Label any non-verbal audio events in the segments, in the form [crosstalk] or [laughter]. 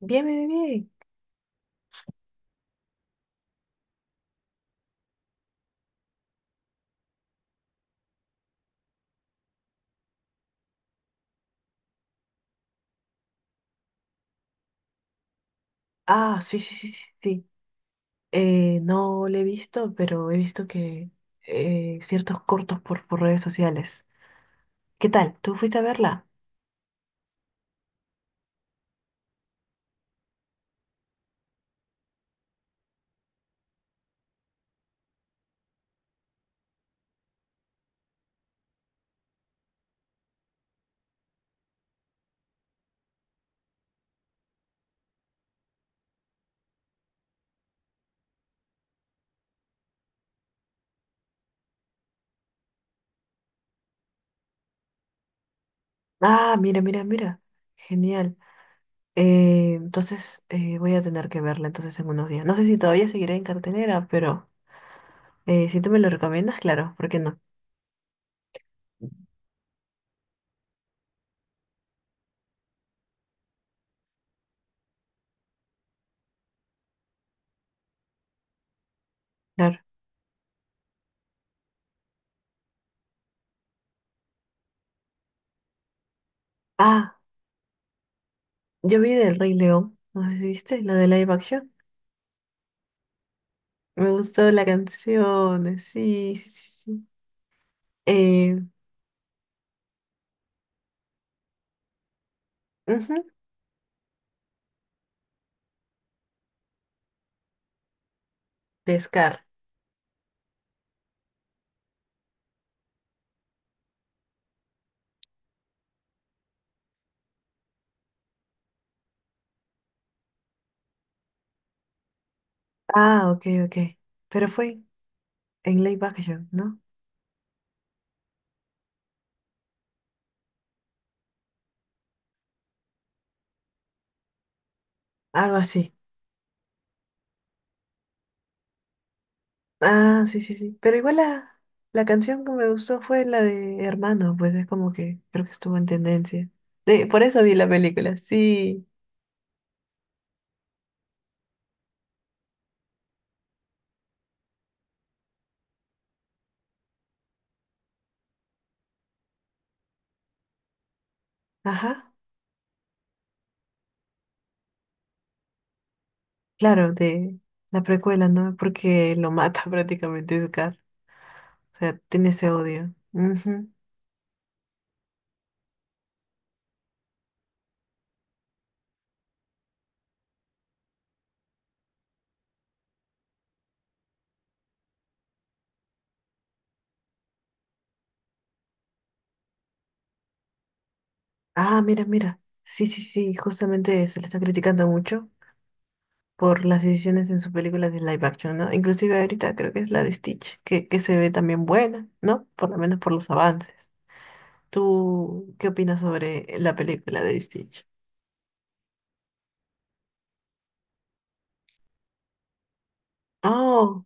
Bien, bien, bien, bien. Ah, sí, sí, sí, sí, sí. No le he visto, pero he visto que ciertos cortos por redes sociales. ¿Qué tal? ¿Tú fuiste a verla? Ah, mira, mira, mira. Genial. Entonces voy a tener que verla entonces en unos días. No sé si todavía seguiré en cartelera, pero si tú me lo recomiendas, claro, ¿por qué no? Claro. Ah, yo vi del Rey León. No sé si viste, la de live action. Me gustó la canción. Sí, sí, sí, sí. Eh, ujú. De Scar. Ah, ok, ok. Pero fue en Live Action, ¿no? Algo así. Ah, sí, sí, sí. Pero igual la canción que me gustó fue la de Hermano, pues es como que creo que estuvo en tendencia. De, por eso vi la película, sí. Ajá. Claro, de la precuela, ¿no? Porque lo mata [laughs] prácticamente Scar. O sea, tiene ese odio. Ujú. Ah, mira, mira. Sí, sí, sí. Justamente se le está criticando mucho por las decisiones en sus películas de live action, ¿no? Inclusive ahorita creo que es la de Stitch, que se ve también buena, ¿no? Por lo menos por los avances. ¿Tú qué opinas sobre la película de Stitch? Oh,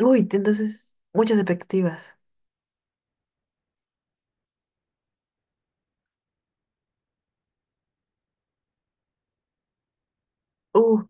uy, entonces muchas expectativas. Uh,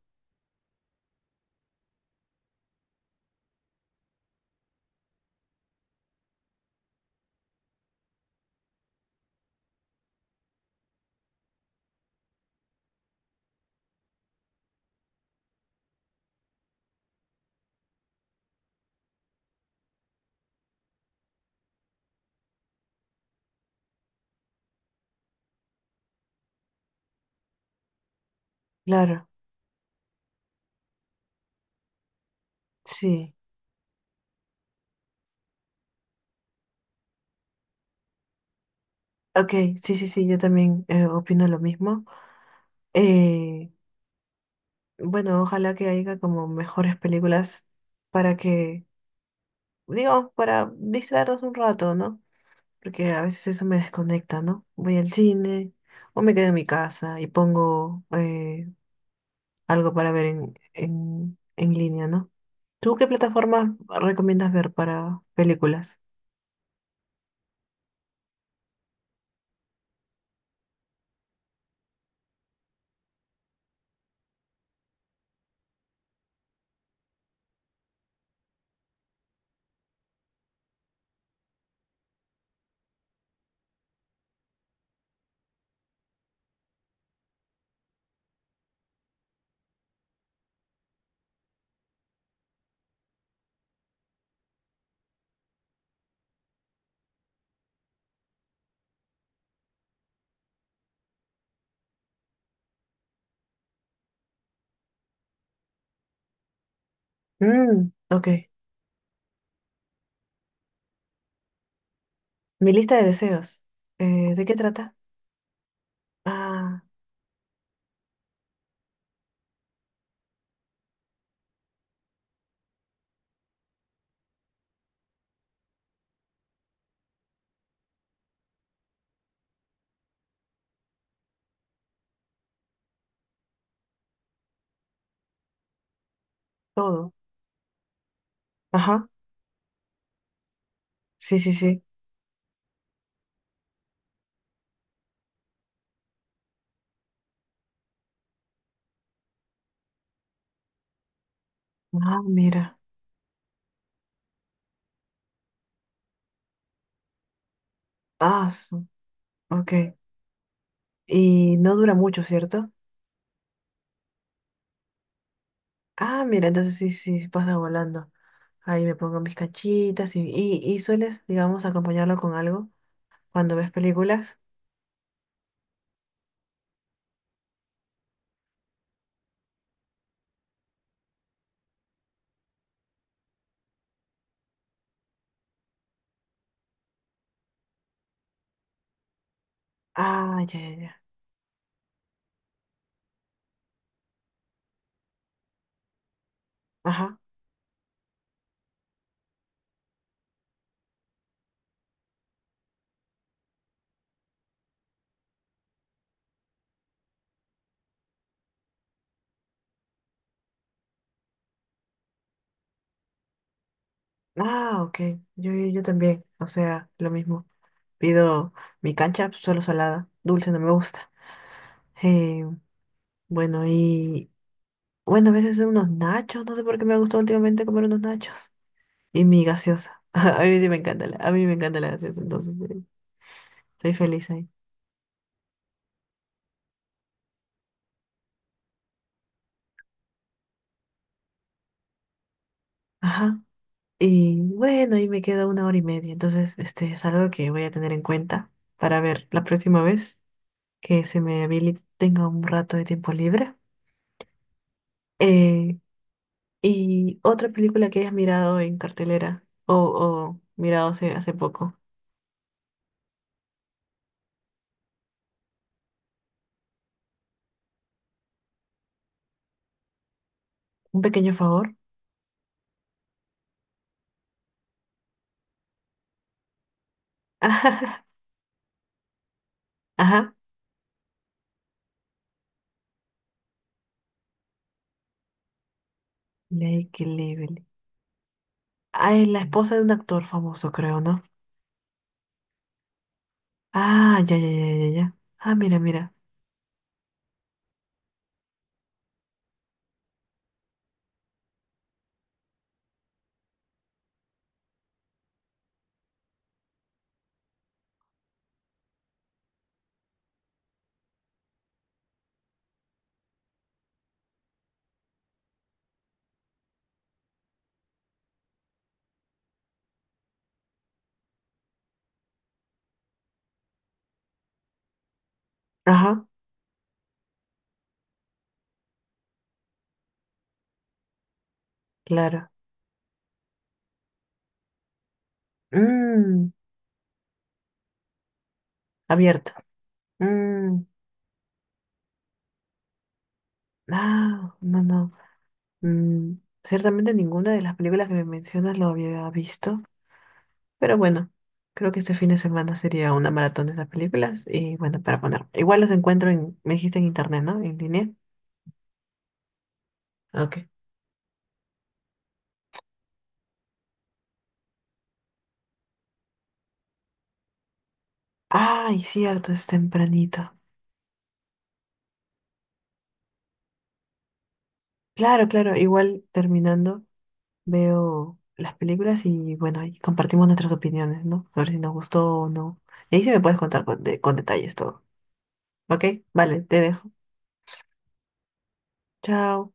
claro, sí. Ok, sí, sí, sí, yo también opino lo mismo. Eh, bueno, ojalá que haya como mejores películas para que, digo, para distraernos un rato, ¿no? Porque a veces eso me desconecta, ¿no? Voy al cine o me quedo en mi casa y pongo algo para ver en línea, ¿no? ¿Tú qué plataforma recomiendas ver para películas? Mm, ok. Mi lista de deseos. ¿De qué trata? Ah, todo. Ajá. Sí, sí, sí. Ah, mira. Ah, ok. Y no dura mucho, ¿cierto? Ah, mira, entonces sí, sí, sí pasa volando. Ahí me pongo mis cachitas y, y sueles, digamos, acompañarlo con algo cuando ves películas. Ah, ya, ya, ya. Ajá. Ah, ok. Yo también. O sea, lo mismo. Pido mi cancha solo salada. Dulce no me gusta. Eh, bueno, y bueno, a veces unos nachos. No sé por qué me ha gustado últimamente comer unos nachos. Y mi gaseosa. [laughs] A mí sí me encanta a mí me encanta la gaseosa, entonces soy feliz ahí. Ajá. Y bueno, ahí me queda una hora y media. Entonces, este es algo que voy a tener en cuenta para ver la próxima vez que se me habilite, tenga un rato de tiempo libre. Eh, y otra película que hayas mirado en cartelera o mirado hace poco. Un pequeño favor. [laughs] Ajá. Lake Level. Ah, es la esposa de un actor famoso, creo, ¿no? Ah, ya, ya, ya, ya, ya. Ah, mira, mira. Ajá, claro. Mmm, abierto. Mmm, no, no, no. Mm, ciertamente ninguna de las películas que me mencionas lo había visto, pero bueno, creo que este fin de semana sería una maratón de esas películas y bueno, para poner. Igual los encuentro en, me dijiste en internet, ¿no? En línea. Ah, ok. Ay, cierto, es tempranito. Claro, claro, igual terminando veo las películas y bueno, ahí compartimos nuestras opiniones, ¿no? A ver si nos gustó o no. Y ahí sí me puedes contar con, con detalles todo. Ok, vale, te dejo. Chao.